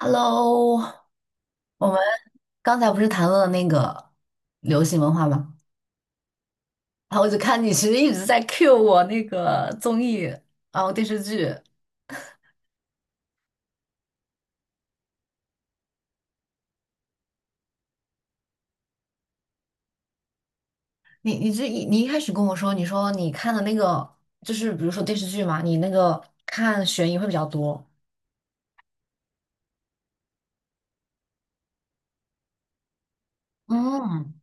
Hello，我们刚才不是谈论了那个流行文化吗？然后我就看你其实一直在 cue 我那个综艺，然后电视剧。你一开始跟我说，你说你看的那个就是比如说电视剧嘛，你那个看悬疑会比较多。嗯，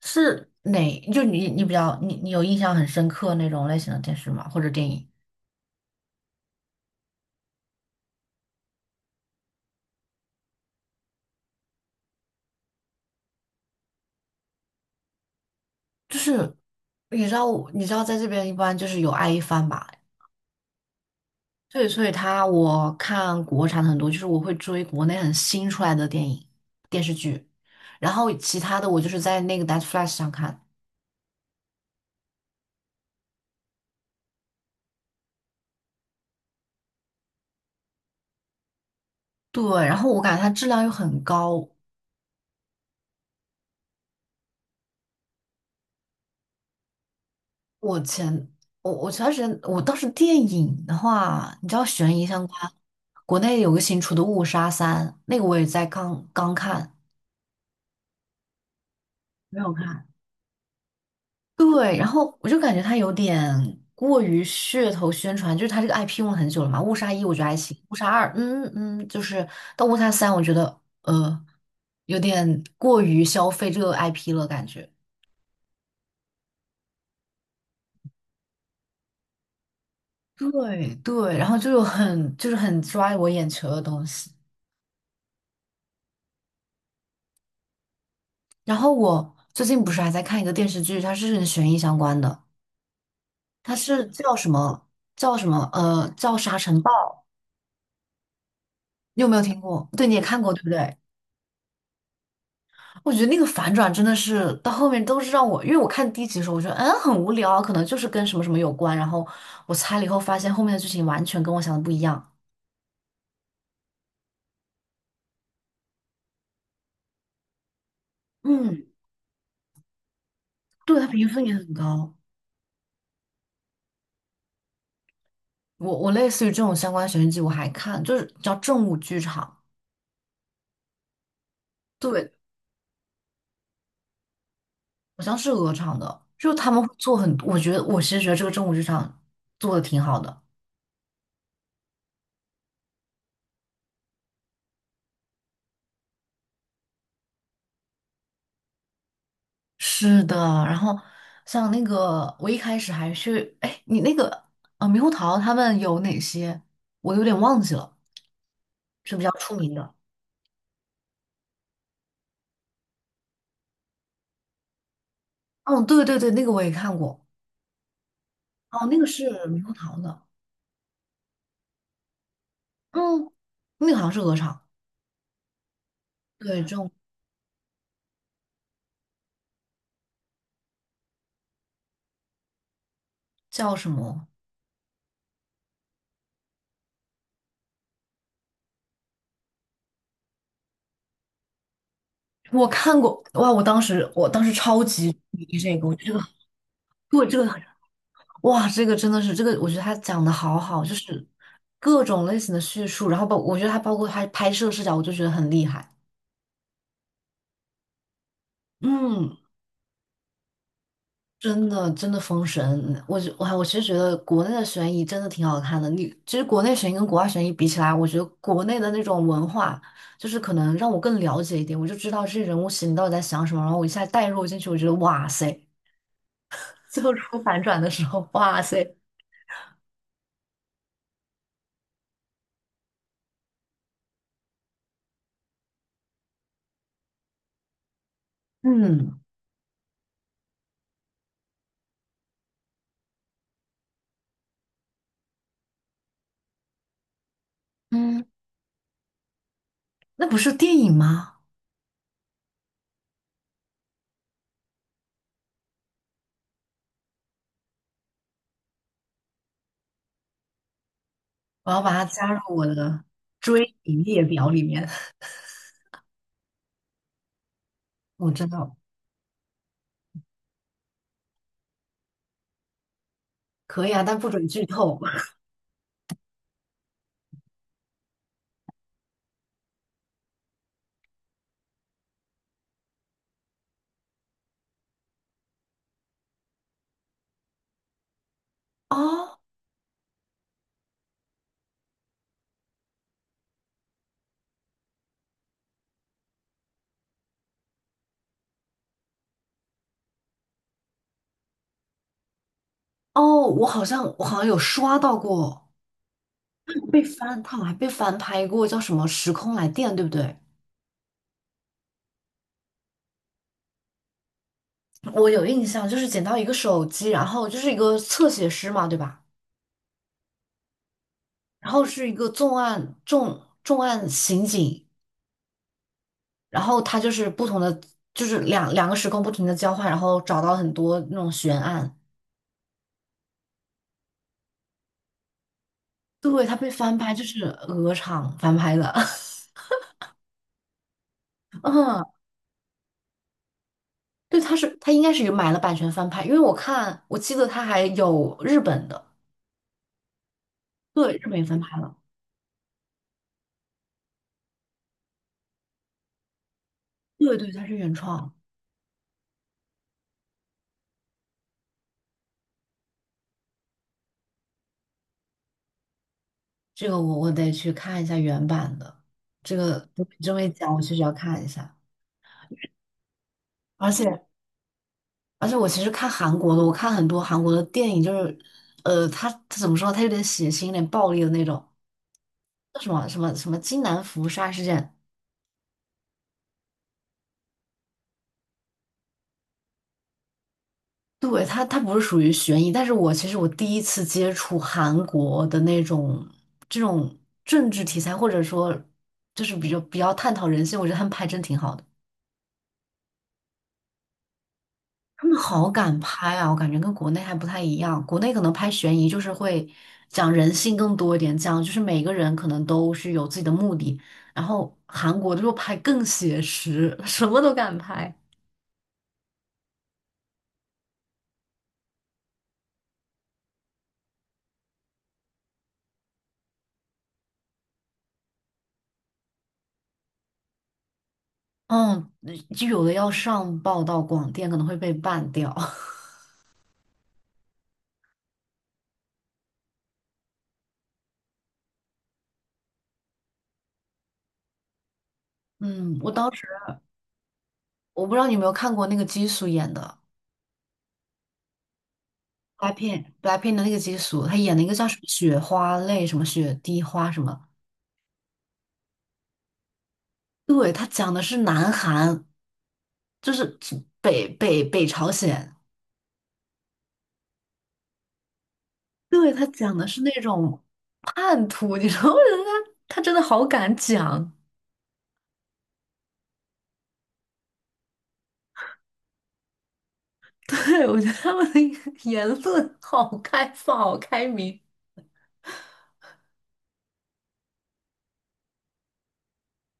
是哪？就你你比较你你有印象很深刻那种类型的电视吗？或者电影？就是你知道在这边一般就是有爱一番吧。对，所以他我看国产的很多，就是我会追国内很新出来的电影、电视剧，然后其他的我就是在那个 Netflsx 上看。对，然后我感觉它质量又很高。我前我前段时间我倒是电影的话，你知道悬疑相关，国内有个新出的《误杀三》，那个我也在刚刚看，没有看。对，然后我就感觉他有点过于噱头宣传，就是他这个 IP 用了很久了嘛，《误杀一》我觉得还行，《误杀二》就是到《误杀三》，我觉得有点过于消费这个 IP 了，感觉。对对，然后就有很就是很抓我眼球的东西。然后我最近不是还在看一个电视剧，它是跟悬疑相关的，它是叫什么叫什么呃叫《沙尘暴》，你有没有听过？对，你也看过对不对？我觉得那个反转真的是到后面都是让我，因为我看第一集的时候，我觉得很无聊啊可能就是跟什么什么有关，然后我猜了以后发现后面的剧情完全跟我想的不一样。嗯，对，它评分也很高。我类似于这种相关悬疑剧我还看，就是叫正午剧场，对，好像是鹅厂的，就他们会做很多，我其实觉得这个正午剧场做的挺好的。是的，然后像那个我一开始还是哎，你那个啊猕猴桃他们有哪些？我有点忘记了。是比较出名的。哦，对对对，那个我也看过。哦，那个是猕猴桃的。嗯，那个好像是鹅肠。对，这种叫什么？我看过。哇，我当时超级迷这个，我觉得这个对这个很哇，这个真的是这个，我觉得他讲的好好，就是各种类型的叙述，然后我觉得他包括他拍摄视角，我就觉得很厉害。嗯。真的真的封神，我其实觉得国内的悬疑真的挺好看的。你其实国内悬疑跟国外悬疑比起来，我觉得国内的那种文化，就是可能让我更了解一点，我就知道这些人物心里到底在想什么，然后我一下带入进去，我觉得哇塞，最后出反转的时候，哇塞 嗯嗯，那不是电影吗？我要把它加入我的追影列表里面。我知道，可以啊，但不准剧透。哦哦，我好像有刷到过。被翻，他好像还被翻拍过，叫什么《时空来电》，对不对？我有印象，就是捡到一个手机，然后就是一个侧写师嘛，对吧？然后是一个重案刑警，然后他就是不同的，就是两个时空不停的交换，然后找到很多那种悬案。对，他被翻拍，就是鹅厂翻拍的。嗯，对，他应该是有买了版权翻拍，因为我看我记得他还有日本的，对，日本也翻拍了，对对，他是原创。这个我得去看一下原版的，这个不这么一讲，我确实要看一下。而且而且，我其实看韩国的，我看很多韩国的电影，就是，他怎么说，他有点血腥，有点暴力的那种，叫什么什么什么金南福杀事件。对，他不是属于悬疑，但是我其实我第一次接触韩国的那种这种政治题材，或者说就是比较探讨人性，我觉得他们拍真挺好的。他们好敢拍啊，我感觉跟国内还不太一样。国内可能拍悬疑就是会讲人性更多一点，讲就是每个人可能都是有自己的目的。然后韩国就拍更写实，什么都敢拍。嗯，就有的要上报到广电，可能会被办掉。嗯，我当时我不知道你有没有看过那个基叔演的 Blackpink，Blackpink 的那个基叔，他演了一个叫什么雪花泪，什么雪滴花什么。对，他讲的是南韩，就是北朝鲜，对，他讲的是那种叛徒，你知道吗？我觉得他真的好敢讲，对，我觉得他们的言论好开放，好开明。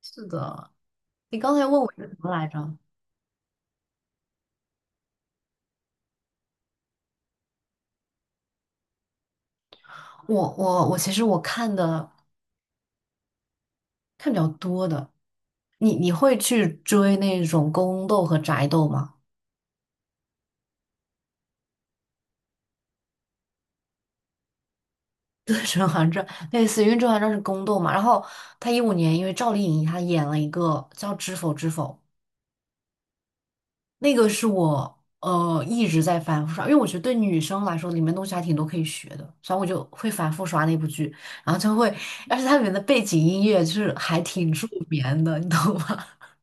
是的，你刚才问我是什么来着？我其实我看的看比较多的，你会去追那种宫斗和宅斗吗？对，《甄嬛传》类似于，因为《甄嬛传》是宫斗嘛，然后他15年因为赵丽颖她演了一个叫《知否知否》。那个是我一直在反复刷，因为我觉得对女生来说，里面东西还挺多可以学的，所以我就会反复刷那部剧，然后就会，而且它里面的背景音乐就是还挺助眠的，你懂吗？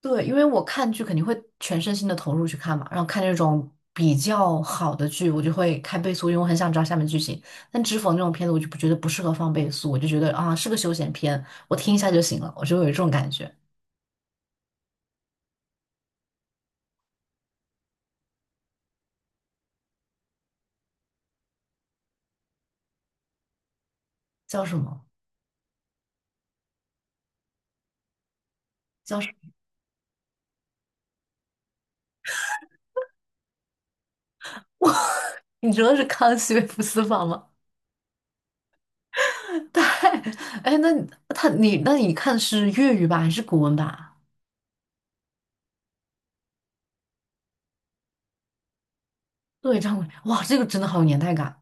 对，因为我看剧肯定会全身心的投入去看嘛，然后看那种比较好的剧，我就会开倍速，因为我很想知道下面剧情。但知否那种片子，我就不觉得不适合放倍速，我就觉得啊是个休闲片，我听一下就行了，我就有这种感觉。叫什么？哇，你说的是《康熙微服私访》吗？对，哎，那你他你那你看的是粤语版还是古文版啊？对，张伟，哇，这个真的好有年代感。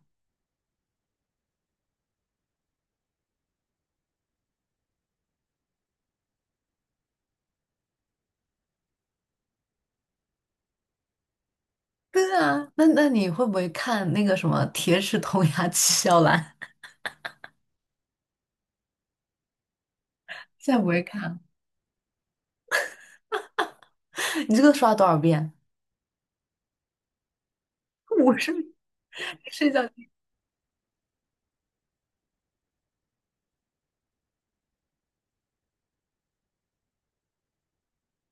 对啊，那那你会不会看那个什么《铁齿铜牙纪晓岚》？现在不会看。 你这个刷多少遍？我是睡觉一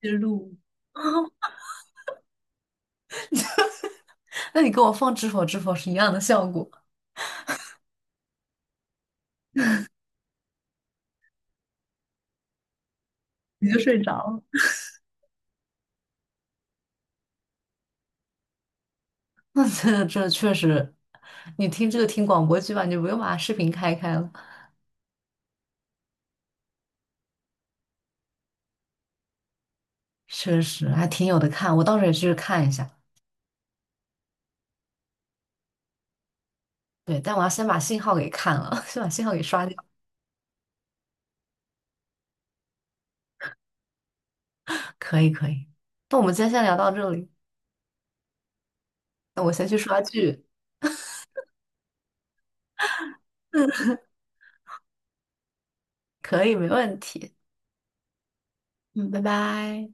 直录，那你跟我放《知否知否》是一样的效果，你就睡着了。那这这确实，你听这个听广播剧吧，你就不用把视频开开了。确实还挺有的看，我到时候也去看一下。对，但我要先把信号给看了，先把信号给刷掉。可以，可以。那我们今天先聊到这里，那我先去刷剧。可以，没问题。嗯，拜拜。